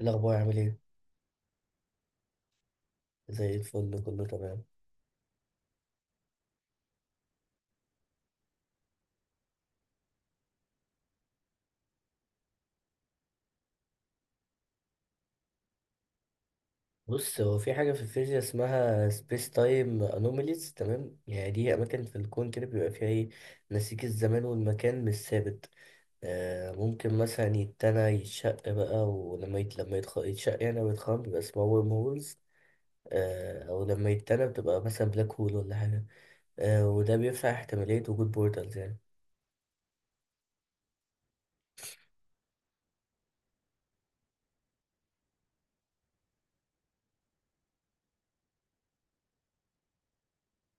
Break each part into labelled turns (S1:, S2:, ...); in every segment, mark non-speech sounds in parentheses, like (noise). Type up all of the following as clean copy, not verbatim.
S1: الأخبار عامل إيه؟ زي الفل، كله تمام. بص، هو في حاجة في الفيزياء اسمها سبيس تايم أنوميليز، تمام؟ يعني دي أماكن في الكون كده بيبقى فيها إيه، نسيج الزمان والمكان مش ثابت. آه ممكن مثلا يتنى يتشق بقى، ولما يتشق يعني، أو يتخرم بيبقى اسمها ورم هولز. آه أو لما يتنى بتبقى مثلا بلاك هول ولا حاجة. آه وده بيفتح احتمالية وجود بورتالز يعني.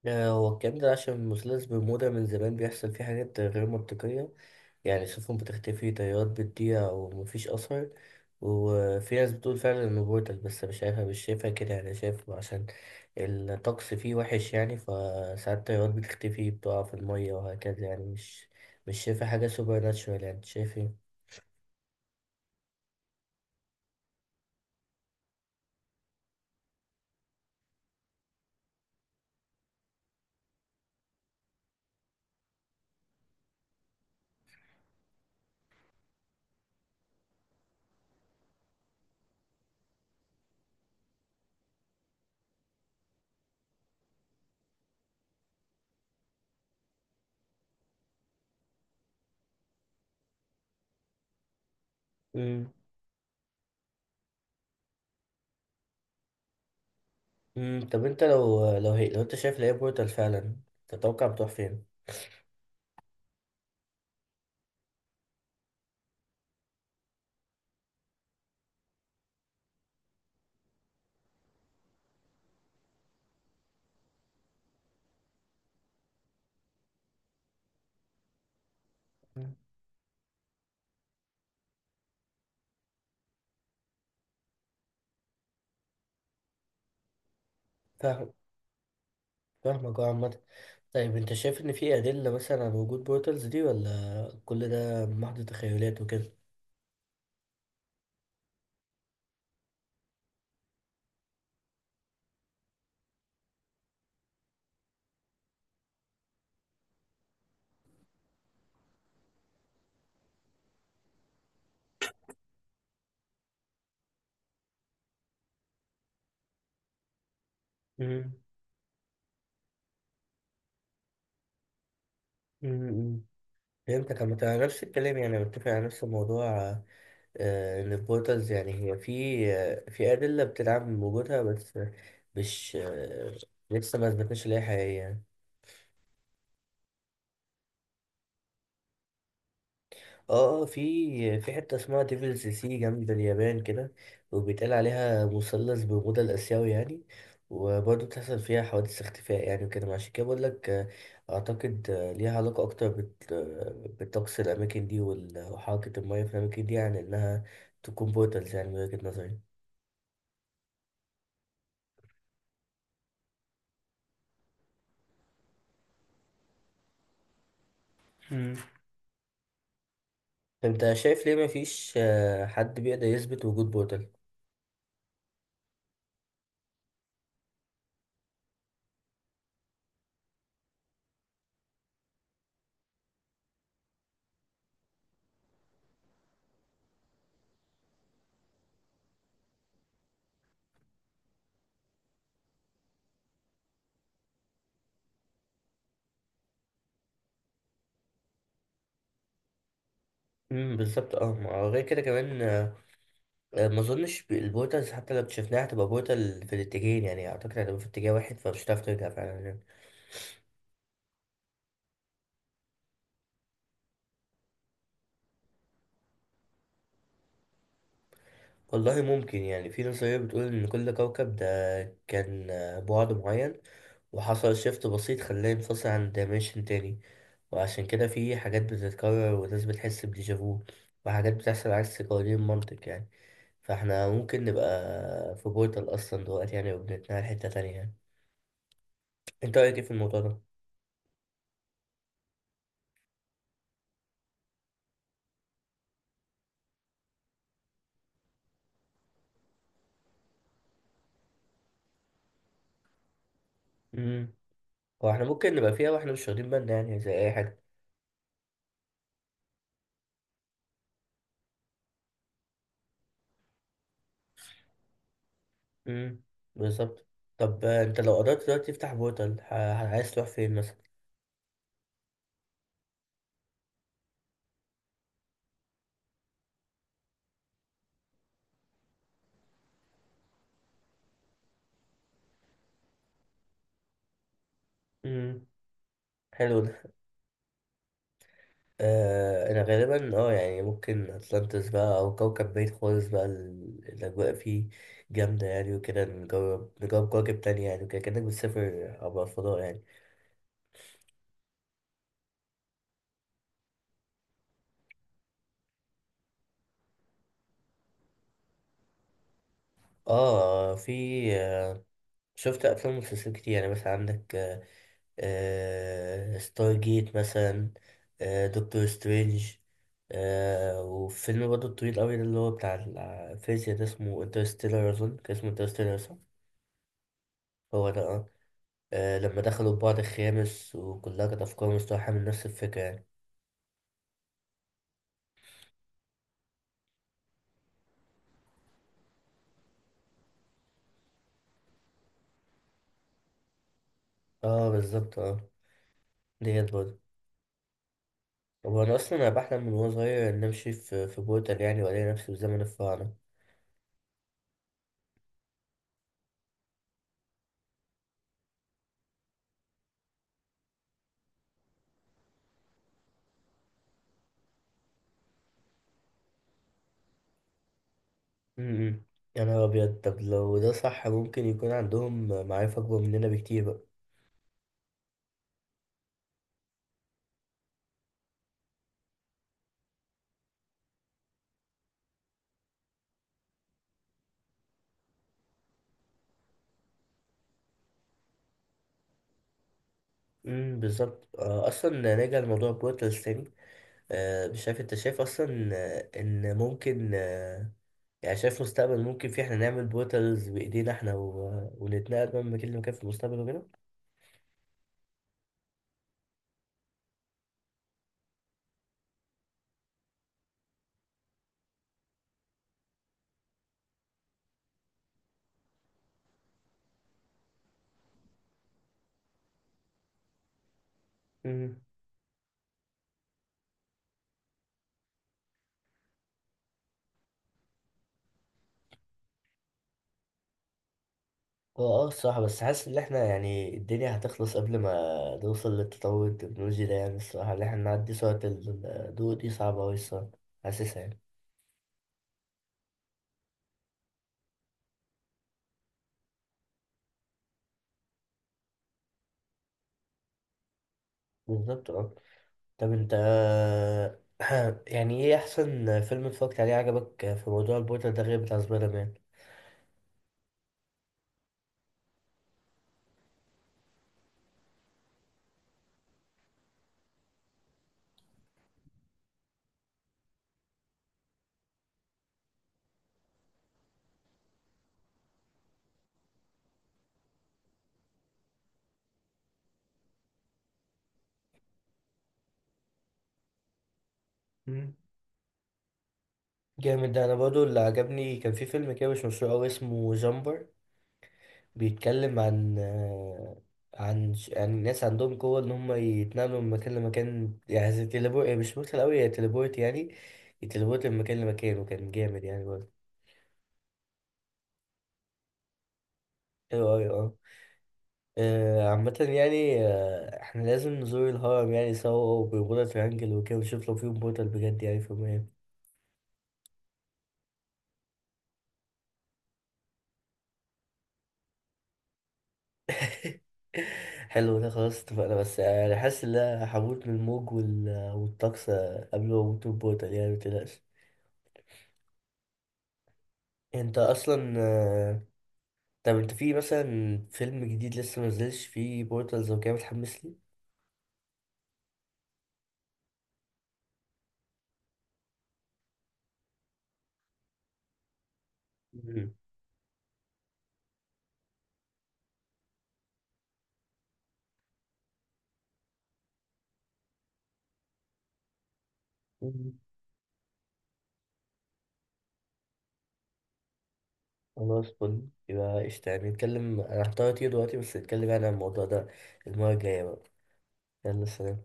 S1: هو الكلام ده عشان مثلث برمودا من زمان بيحصل فيه حاجات غير منطقية. يعني سفن بتختفي، طيارات بتضيع ومفيش أثر. وفي ناس بتقول فعلا إنه بورتال، بس مش عارفة، مش شايفها كده يعني. شايف عشان الطقس فيه وحش يعني، فساعات الطيارات بتختفي، بتقع في المية وهكذا يعني. مش شايفة حاجة سوبر ناتشورال يعني. أنت شايف ايه؟ مم. مم. طب انت لو انت شايف إن هي بورتال فعلا، تتوقع بتروح فين؟ فاهم فاهمك اه، عامة. طيب انت شايف ان في ادلة مثلا على وجود بورتالز دي، ولا كل ده محض تخيلات وكده؟ مم. مم. مم. فهمتك. عامة انا نفس الكلام، يعني متفق على نفس الموضوع. ان البورتالز، يعني هي في آه، في ادلة بتدعم وجودها، بس مش آه، لسه ما اثبتناش ان هي حقيقية يعني. اه. في حتة اسمها ديفلز سي جنب اليابان كده، وبيتقال عليها مثلث برمودا الآسيوي يعني. وبرضه بتحصل فيها حوادث اختفاء يعني وكده. عشان كده بقول لك، أعتقد ليها علاقة أكتر بالطقس، الأماكن دي وحركة المياه في الأماكن دي، عن إنها تكون بورتالز، يعني من وجهة نظري. مم. طب أنت شايف ليه مفيش حد بيقدر يثبت وجود بورتال؟ بالظبط اه، ما هو غير كده كمان. ما اظنش البوتلز حتى لو اكتشفناها هتبقى بوتل في الاتجاهين يعني. اعتقد هتبقى في اتجاه واحد، فمش هتعرف ترجع فعلا يعني. والله ممكن. يعني في نظرية بتقول ان كل كوكب ده كان بعد معين، وحصل شيفت بسيط خلاه ينفصل عن دايمنشن تاني. وعشان كده في حاجات بتتكرر وناس بتحس بديجافو، وحاجات بتحصل عكس قوانين المنطق يعني. فاحنا ممكن نبقى في بورتال اصلا دلوقتي يعني، وبنتنقل حتة تانية يعني. انت رأيك ايه في الموضوع ده؟ امم هو احنا ممكن نبقى فيها واحنا مش واخدين بالنا، يعني زي اي حاجة. امم بالظبط. طب انت لو قررت دلوقتي تفتح بورتال، عايز تروح فين مثلا؟ امم حلو ده. آه انا غالبا اه، يعني ممكن اتلانتس بقى، او كوكب بعيد خالص بقى، الاجواء فيه جامده يعني وكده. نجرب كواكب تانية، يعني وكده، كانك بتسافر عبر الفضاء يعني. اه في آه، شفت افلام ومسلسلات كتير يعني. مثلا عندك ستار جيت مثلا، دكتور سترينج، وفيلم برضه طويل قوي ده، اللي هو بتاع الفيزياء ده، اسمه انترستيلر. اظن كان اسمه انترستيلر، صح؟ هو ده اه. لما دخلوا في بعض الخامس، وكلها كانت افكار مستوحاه من نفس الفكره يعني. اه بالظبط اه، ديت برضه. هو انا اصلا انا بحلم من وانا صغير ان امشي في بورتال يعني، والاقي نفسي في زمن الفراعنه. امم يا نهار أبيض. طب لو ده صح، ممكن يكون عندهم معارف أكبر مننا بكتير بقى. بالظبط. أصلا نرجع لموضوع بورتلز تاني. مش عارف أنت شايف أصلا إن ممكن يعني شايف مستقبل ممكن فيه إحنا نعمل بورتلز بإيدينا، إحنا ونتنقل من مكان لمكان في المستقبل وكده. امم هو الصراحة، بس حاسس ان احنا، يعني الدنيا هتخلص قبل ما نوصل للتطور التكنولوجي ده يعني. الصراحة اللي احنا نعدي سرعة الضوء دي صعبة اوي الصراحة، حاسسها يعني. بالظبط اه. طب انت (clears throat) (laughs) يعني ايه احسن فيلم اتفرجت عليه عجبك في موضوع البوتر ده، غير بتاع سبايدر مان؟ مم. جامد ده. انا برضو اللي عجبني كان في فيلم كده مش مشهور قوي، اسمه جامبر. بيتكلم عن عن ناس عندهم قوة ان هم يتنقلوا من مكان لمكان، يعني زي تليبورت. مش مثل قوي، هي تليبورت يعني. يتليبورت من مكان لمكان، وكان جامد يعني برضه. ايوه ايوه. عامة يعني احنا لازم نزور الهرم يعني سوا وبرجولة ترانجل وكده، ونشوف لو في بورتال بجد يعني. في المهم. (laughs) حلو ده. خلاص اتفقنا. بس انا حاسس ان انا هموت من الموج والطقس قبل ما اموت من البورتال، يعني متقلقش. انت اصلا آه، طب انت في مثلا فيلم جديد لسه منزلش فيه بورتالز وكده، متحمس لي؟ مم. مم. خلاص، فل يبقى قشطة. يعني نتكلم، انا هحتار كتير دلوقتي، بس نتكلم يعني عن الموضوع ده المرة الجاية بقى. يلا، سلام.